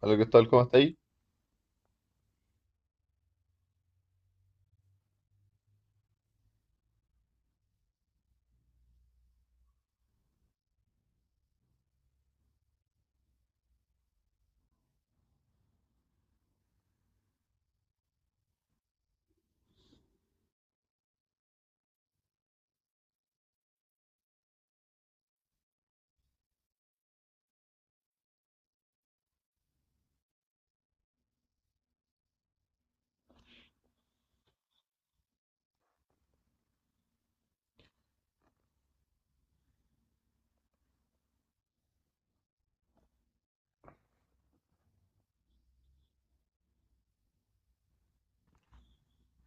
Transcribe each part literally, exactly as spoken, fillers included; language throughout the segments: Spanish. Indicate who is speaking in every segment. Speaker 1: Hola Cristóbal, ¿cómo está ahí?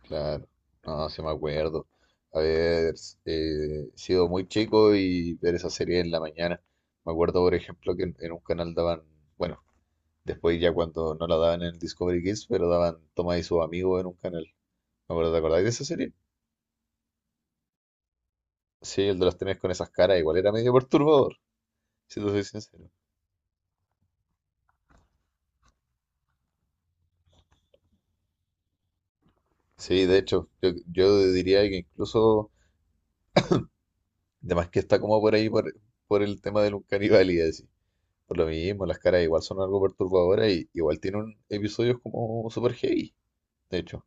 Speaker 1: Claro, no, sí me acuerdo. Haber eh, sido muy chico y ver esa serie en la mañana. Me acuerdo, por ejemplo, que en, en un canal daban, bueno, después ya cuando no la daban en el Discovery Kids, pero daban Tomás y sus amigos en un canal. Me acuerdo, ¿te acordáis de esa serie? Sí, el de los trenes con esas caras igual era medio perturbador, si te soy sincero. Sí, de hecho, yo, yo diría que incluso, además que está como por ahí por, por el tema del Uncanny y así. Por lo mismo, las caras igual son algo perturbadoras y igual tienen episodios como super heavy. De hecho,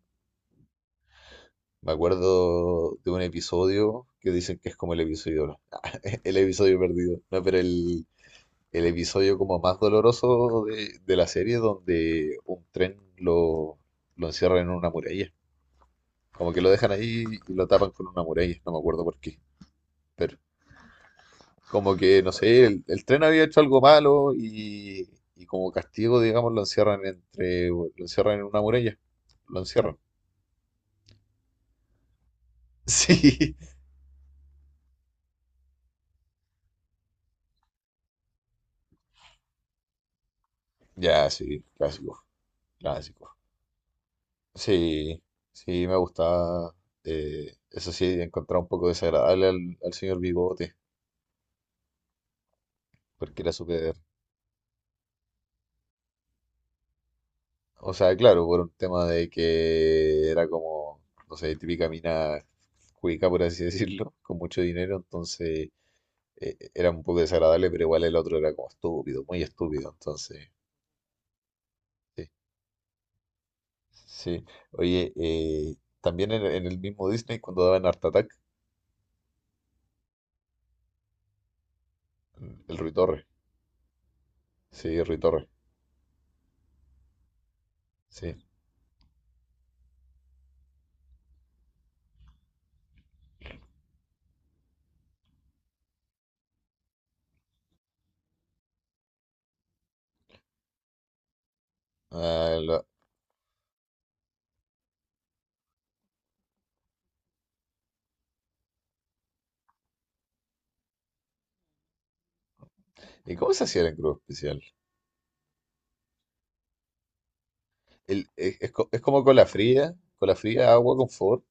Speaker 1: me acuerdo de un episodio que dicen que es como el episodio, el episodio perdido, no, pero el, el episodio como más doloroso de, de la serie donde un tren lo, lo encierra en una muralla. Como que lo dejan ahí y lo tapan con una muralla, no me acuerdo por qué. Pero como que no sé, el, el tren había hecho algo malo y, y como castigo, digamos, lo encierran entre, lo encierran en una muralla. Lo encierran. Sí, ya, sí, clásico, clásico. Sí, sí, me gustaba. Eh, eso sí, encontraba un poco desagradable al, al señor Bigote, porque era súper. O sea, claro, por un tema de que era como, no sé, típica mina cuica, por así decirlo, con mucho dinero, entonces eh, era un poco desagradable, pero igual el otro era como estúpido, muy estúpido. Entonces, sí, sí. Oye, eh, también en, en el mismo Disney, cuando daban Art Attack, mm, el Rui Torres. Sí, Rui Torres. Sí. Ah, lo- ¿Y cómo se hacía el engrudo especial? El, es, es co- Es como cola fría, cola fría, agua, confort.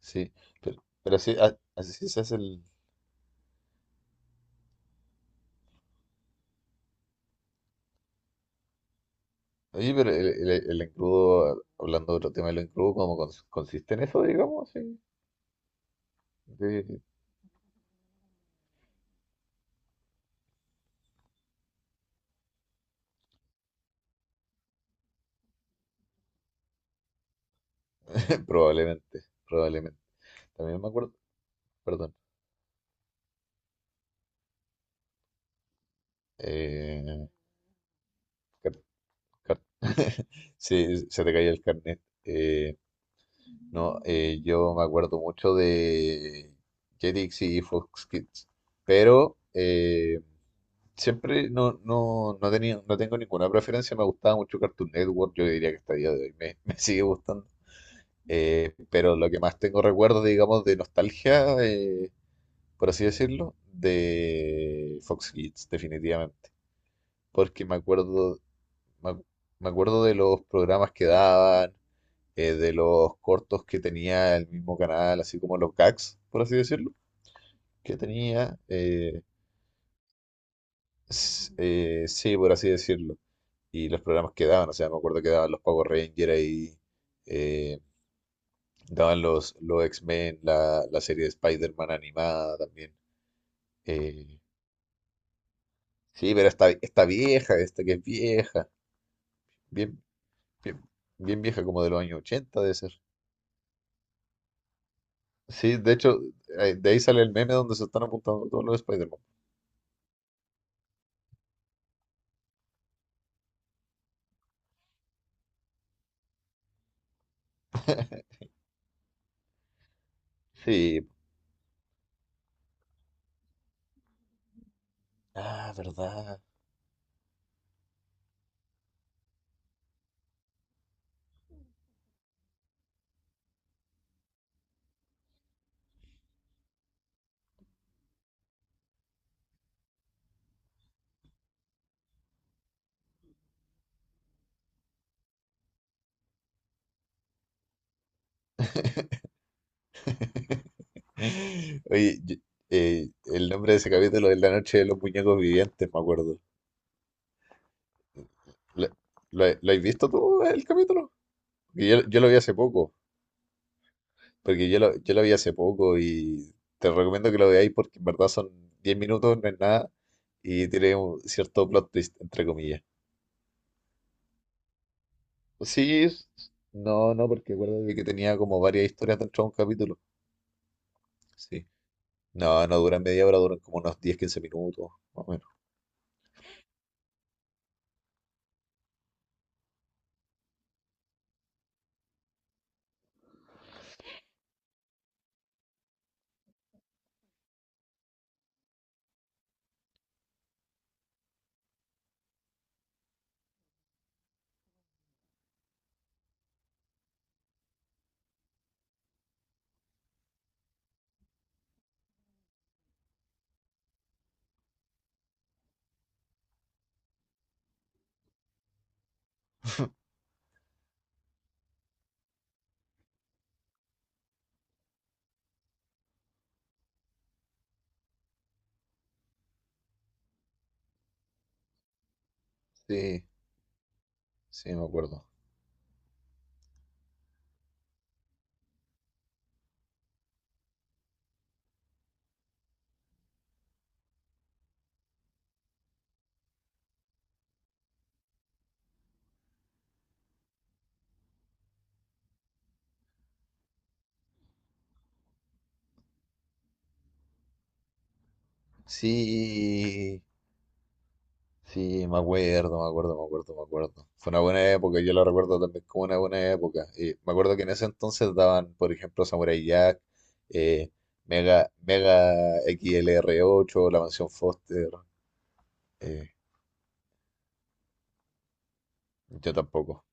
Speaker 1: Sí, pero, pero así, a- así sí se hace el. Oye, pero el, el, el engrudo, hablando de otro tema del engrudo, ¿cómo cons- consiste en eso, digamos? Sí. Sí, probablemente, probablemente. También me acuerdo, perdón. eh, car- car- se, se te caía el carnet. Eh, no, eh, Yo me acuerdo mucho de Jetix y Fox Kids, pero eh, siempre no, no, no tenía, no tengo ninguna preferencia. Me gustaba mucho Cartoon Network, yo diría que hasta el día de hoy me, me sigue gustando. Eh, pero lo que más tengo recuerdo, digamos, de nostalgia, eh, por así decirlo, de Fox Kids, definitivamente. Porque me acuerdo, Me, ac- me acuerdo de los programas que daban, eh, de los cortos que tenía el mismo canal, así como los gags, por así decirlo, que tenía, eh, s- eh, sí, por así decirlo, y los programas que daban. O sea, me acuerdo que daban los Power Rangers ahí, eh, daban los, los X-Men, la, la serie de Spider-Man animada también. eh, sí, pero esta, esta vieja, esta que es vieja, bien, bien, bien vieja como de los años ochenta debe ser. Sí, de hecho, eh, de ahí sale el meme donde se están apuntando todos los Spider-Man. Sí, ah, verdad. Oye, yo- eh, el nombre de ese capítulo es La Noche de los Muñecos Vivientes, me acuerdo. ¿Lo, lo, lo has visto tú el capítulo? Porque Yo, yo lo vi hace poco, porque yo lo, yo lo vi hace poco y te recomiendo que lo veáis porque en verdad son diez minutos, no es nada, y tiene un cierto plot twist, entre comillas. Sí, es- no, no, porque acuérdate que tenía como varias historias dentro de un capítulo. Sí. No, no duran media hora, duran como unos diez, quince minutos, más o menos. Sí, sí, me acuerdo. Sí, sí, me acuerdo, me acuerdo, me acuerdo, me acuerdo. Fue una buena época, yo la recuerdo también como una buena época. Y me acuerdo que en ese entonces daban, por ejemplo, Samurai Jack, eh, Mega, Mega X L R ocho, La Mansión Foster. eh, yo tampoco,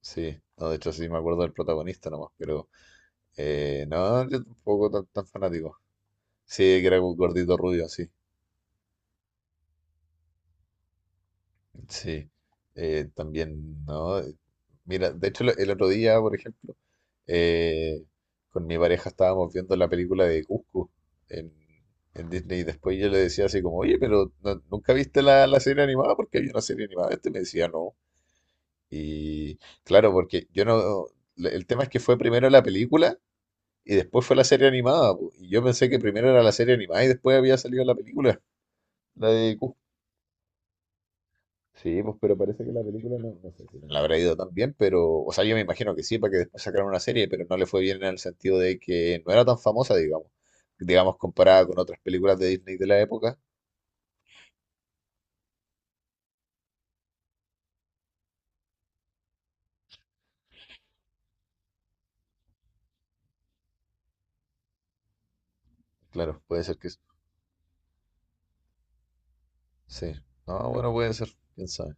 Speaker 1: sí. No, de hecho, sí me acuerdo del protagonista nomás, pero eh, no, yo tampoco tan, tan fanático. Sí, que era un gordito rubio, sí. Sí, eh, también, ¿no? Eh, Mira, de hecho, el otro día, por ejemplo, eh, con mi pareja estábamos viendo la película de Cusco en, en Disney, y después yo le decía así como, oye, pero no- ¿nunca viste la, la serie animada? Porque hay una serie animada. Este me decía, no. Y claro, porque yo no... la- El tema es que fue primero la película y después fue la serie animada, po. Y yo pensé que primero era la serie animada y después había salido la película, la de Cusco. Sí, pues, pero parece que la película no, no sé si no. No le habrá ido tan bien, pero o sea, yo me imagino que sí, para que después sacaran una serie, pero no le fue bien en el sentido de que no era tan famosa, digamos, digamos, comparada con otras películas de Disney de la época. Claro, puede ser que s- sí. No, bueno, puede ser, quién sabe.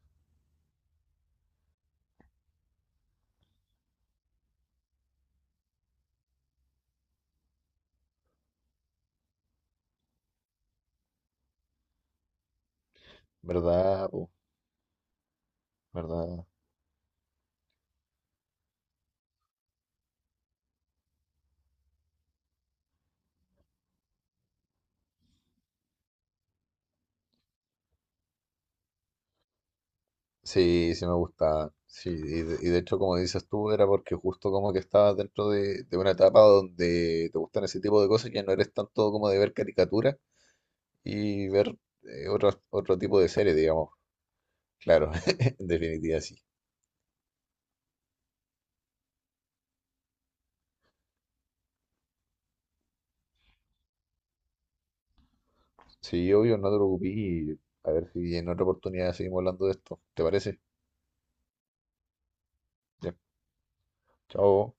Speaker 1: ¿Verdad, po? ¿Verdad? Sí, sí me gustaba. Sí, y de, y de hecho, como dices tú, era porque justo como que estabas dentro de, de una etapa donde te gustan ese tipo de cosas, ya no eres tanto como de ver caricaturas y ver eh, otro, otro tipo de series, digamos. Claro, en definitiva sí. Sí, obvio, no te preocupes, y a ver si en otra oportunidad seguimos hablando de esto. ¿Te parece? Ya, chao.